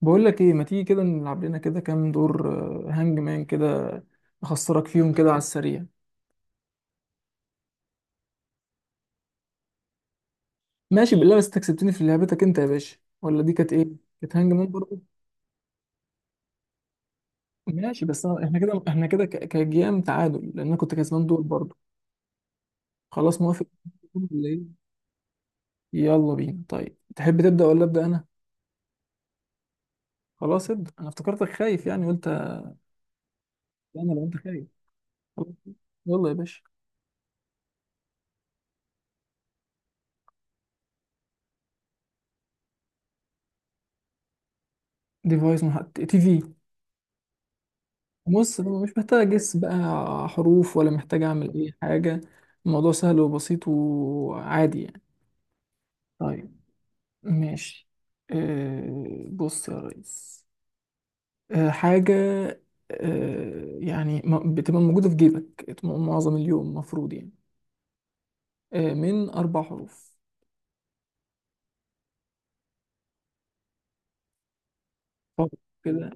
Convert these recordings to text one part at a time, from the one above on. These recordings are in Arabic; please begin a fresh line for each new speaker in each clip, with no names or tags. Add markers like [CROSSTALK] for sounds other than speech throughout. بقول لك ايه، ما تيجي كده نلعب لنا كده كام دور؟ هانج مان كده، اخسرك فيهم كده على السريع. ماشي بالله، بس انت كسبتني في لعبتك انت يا باشا. ولا دي كانت ايه؟ كانت هانج مان برضه. ماشي، بس أنا احنا كده كجيام تعادل، لان انا كنت كسبان دور برضه. خلاص، موافق ولا إيه؟ يلا بينا. طيب تحب تبدا ولا ابدا انا؟ خلاص، ابدا انا. افتكرتك خايف يعني، قلت انا لو انت خايف. خلاص. يلا يا باشا. ديفايس محدد، تي في. بص ده مش محتاج اجس بقى حروف ولا محتاج اعمل اي حاجة، الموضوع سهل وبسيط وعادي يعني. طيب. ماشي. بص يا ريس. حاجة. يعني بتبقى موجودة في جيبك معظم اليوم مفروض يعني. من أربع حروف. طب، كده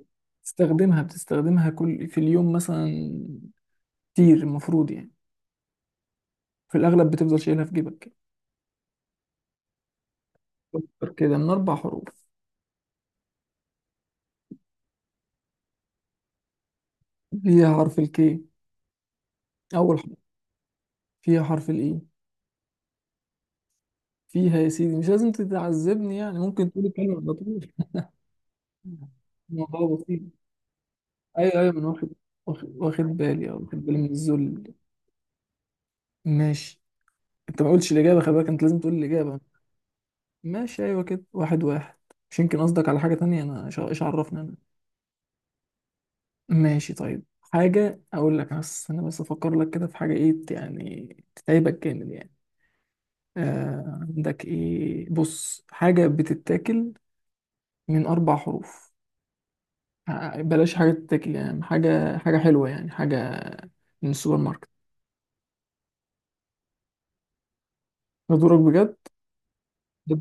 تستخدمها، بتستخدمها كل في اليوم مثلا، كتير المفروض يعني. في الأغلب بتفضل شايلها في جيبك. فكر كده، من أربع حروف. ليها حرف الكي أول. فيها حرف الاي. فيها يا سيدي، مش لازم تتعذبني يعني، ممكن تقول الكلمة على طول. الموضوع بسيط. ايوه ايوه، من واخد، واخد، واخد بالي او واخد بالي من الذل. ماشي. انت ما قلتش الاجابه، خلي بالك انت لازم تقول الاجابه. ماشي ايوه كده، واحد واحد. مش يمكن قصدك على حاجه تانية انا؟ ايش عرفني انا. ماشي طيب، حاجه اقول لك بس، انا بس افكر لك كده في حاجه ايه يعني تتعبك جامد يعني. عندك ايه؟ بص حاجه بتتاكل، من اربع حروف. بلاش حاجة تتاكل يعني، حاجة، حاجة حلوة يعني، حاجة من السوبر ماركت. بدورك بجد ده.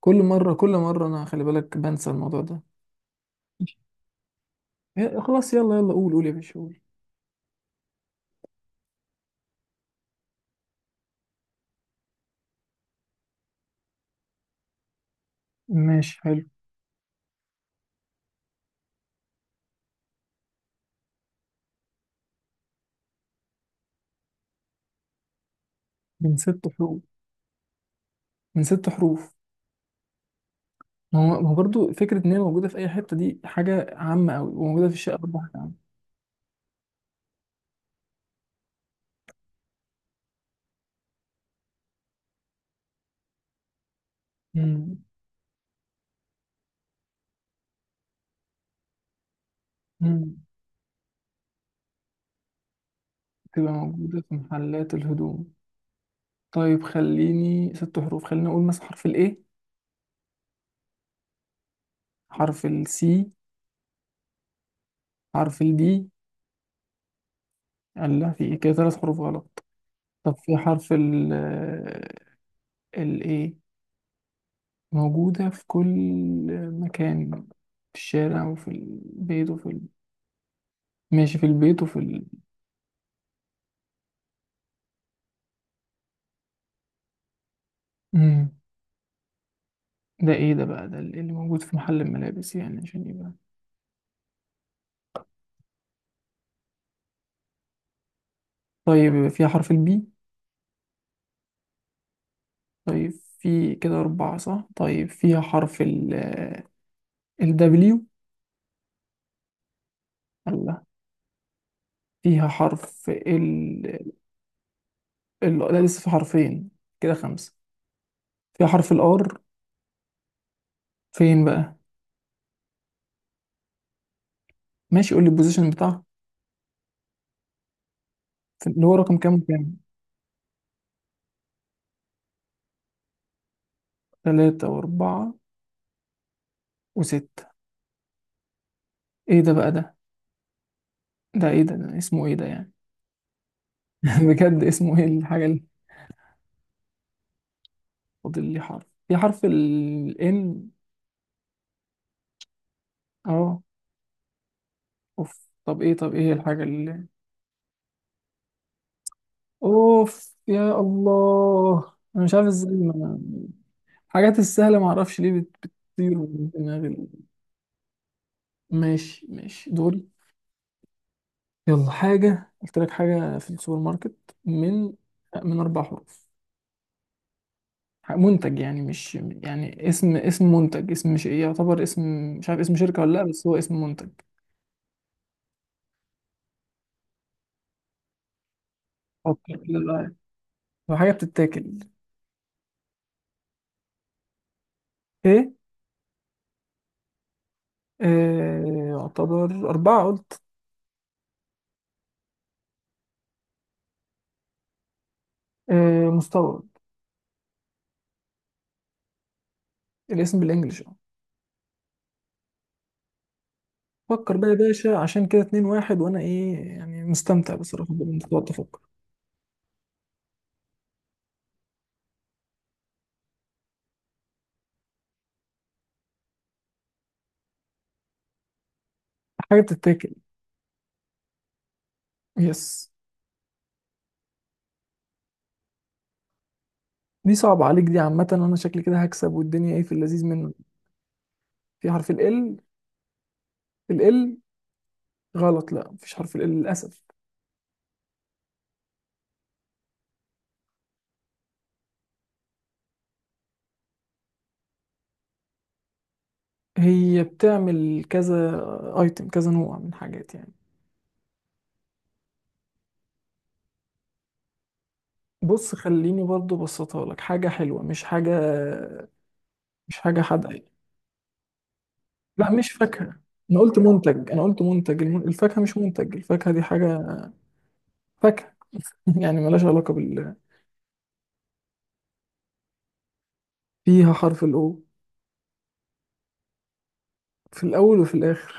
كل مرة كل مرة أنا خلي بالك بنسى الموضوع ده. ماشي. خلاص يلا يلا، قول قول يا باشا قول. ماشي حلو. من ست حروف. من ست حروف. ما هو برضه فكرة إن هي موجودة في أي حتة، دي حاجة عامة أوي، وموجودة في الشقة برضه حاجة عامة. مم. مم. تبقى موجودة في محلات الهدوم. طيب خليني، ست حروف، خليني أقول مثلا حرف الإيه. حرف السي. حرف الدي. لا، في إيه كده ثلاث حروف غلط. طب في حرف ال، ال A موجودة في كل مكان، في الشارع وفي البيت وفي ال... ماشي، في البيت وفي ال... مم. ده ايه ده بقى، ده اللي موجود في محل الملابس يعني عشان يبقى. طيب فيها حرف البي؟ طيب في كده أربعة صح، طيب فيها حرف ال الدبليو. الله. فيها حرف ال، ال لا لسه في حرفين، كده خمسة. فيها حرف الار. فين بقى؟ ماشي قول لي البوزيشن بتاعها. اللي هو رقم كام وكام. تلاتة وأربعة وستة. إيه ده بقى ده؟ ده إيه ده؟ ده اسمه إيه ده يعني؟ [LAUGHS] بجد اسمه إيه الحاجة اللي... فاضل لي حرف؟ في حرف ال N. أه. أوف، طب إيه، طب إيه الحاجة اللي... أوف يا الله، أنا مش عارف إزاي، ما أنا الحاجات السهلة معرفش ليه بت... بتطير من دماغي. ماشي ماشي دول. يلا، حاجة قلت لك، حاجة في السوبر ماركت، من من أربع حروف. منتج يعني، مش يعني اسم، اسم منتج، اسم مش ايه، يعتبر اسم، مش عارف اسم شركة ولا لا، بس هو اسم منتج. حط كده بقى. هو حاجة بتتاكل. ايه. آه يعتبر. أربعة قلت. آه مستورد. الاسم بالإنجلش اه. فكر بقى يا باشا، عشان كده اتنين واحد، وأنا ايه يعني مستمتع بصراحة بإن أنت تقعد تفكر. حاجة بتتاكل. يس. دي صعبة عليك، دي عامة، وأنا شكلي كده هكسب، والدنيا ايه، في اللذيذ منه. في حرف ال، ال. غلط؟ لا مفيش حرف ال للأسف. هي بتعمل كذا ايتم، كذا نوع من حاجات يعني. بص خليني برضو بسطها لك، حاجة حلوة مش حاجة، مش حاجة حادقة يعني. لا مش فاكهة. انا قلت منتج، انا قلت منتج، الفاكهة مش منتج، الفاكهة دي حاجة. فاكهة. [LAUGHS] يعني ملهاش علاقة بال... فيها حرف الاو. في الاول وفي الاخر.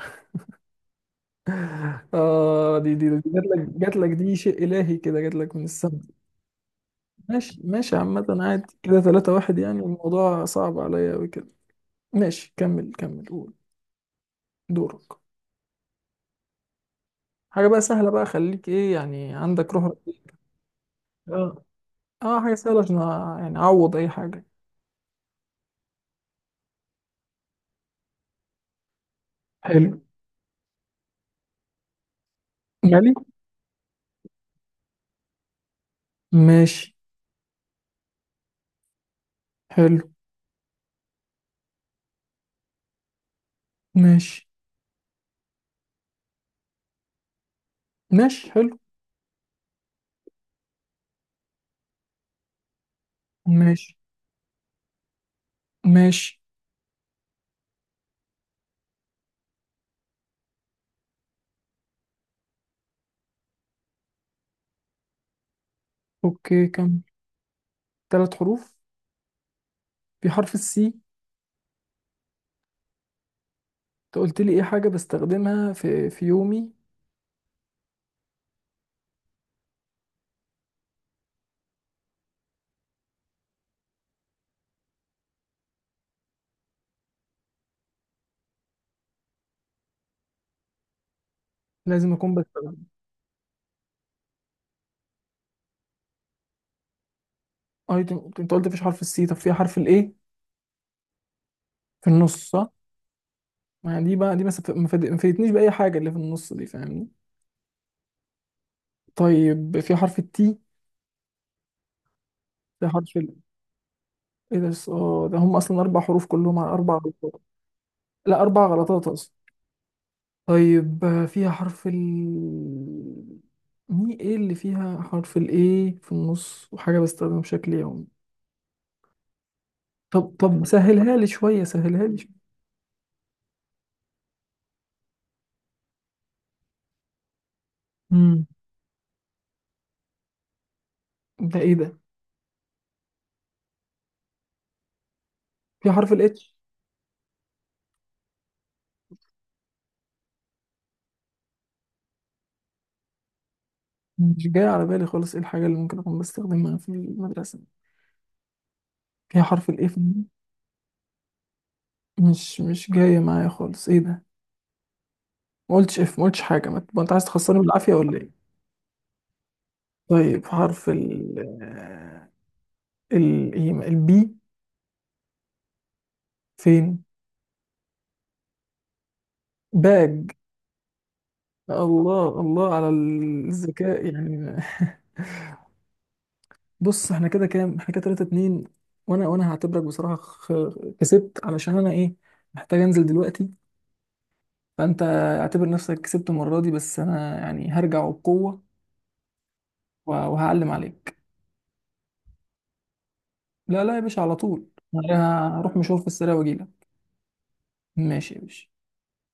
[LAUGHS] اه، دي جات لك، دي شيء الهي كده، جات لك من السما. ماشي ماشي، عامة عادي كده، ثلاثة واحد يعني، الموضوع صعب عليا أوي كده. ماشي كمل كمل قول. دورك. حاجة بقى سهلة بقى، خليك ايه يعني، عندك روح رياضية. اه. اه حاجة سهلة، عشان يعني اعوض اي حاجة. حلو. مالي. ماشي حلو. ماشي ماشي حلو. ماشي ماشي. اوكي، كم؟ ثلاث حروف. في حرف السي؟ انت قلت لي ايه، حاجة بستخدمها في يومي. لازم اكون بستخدم. اه انت. أنت قلت مفيش حرف السي، طب في حرف الايه؟ في النص صح. ما دي بقى دي، ما فادتنيش بأي حاجة اللي في النص دي فاهمني. طيب في حرف التي. في حرف ايه ده اه، ده هم اصلا اربع حروف كلهم، على اربع غلطات. لا اربع غلطات اصلا. طيب آه، فيها حرف ال مي. ايه اللي فيها حرف الايه في النص وحاجة بستخدمها بشكل يومي؟ طب طب سهلها لي شوية، سهلها لي شوية. امم. ده ايه ده. فيها حرف الاتش. مش جاي على بالي خالص، ايه الحاجة اللي ممكن اكون بستخدمها في المدرسة، فيها حرف الايه في النص؟ مش مش جاية معايا خالص، ايه ده. ما قلتش اف، ما قلتش حاجة، ما انت عايز تخسرني بالعافية ولا ايه؟ طيب حرف ال، البي. فين؟ باج. الله الله على الذكاء يعني. [LAUGHS] بص احنا كده كام، احنا كده 3-2. وانا هعتبرك بصراحة كسبت، علشان انا ايه، محتاج انزل دلوقتي. فانت اعتبر نفسك كسبت المرة دي، بس انا يعني هرجع بقوة وهعلم عليك. لا لا يا باشا، على طول. انا هروح مشوار في السريع واجيلك. ماشي يا باشا.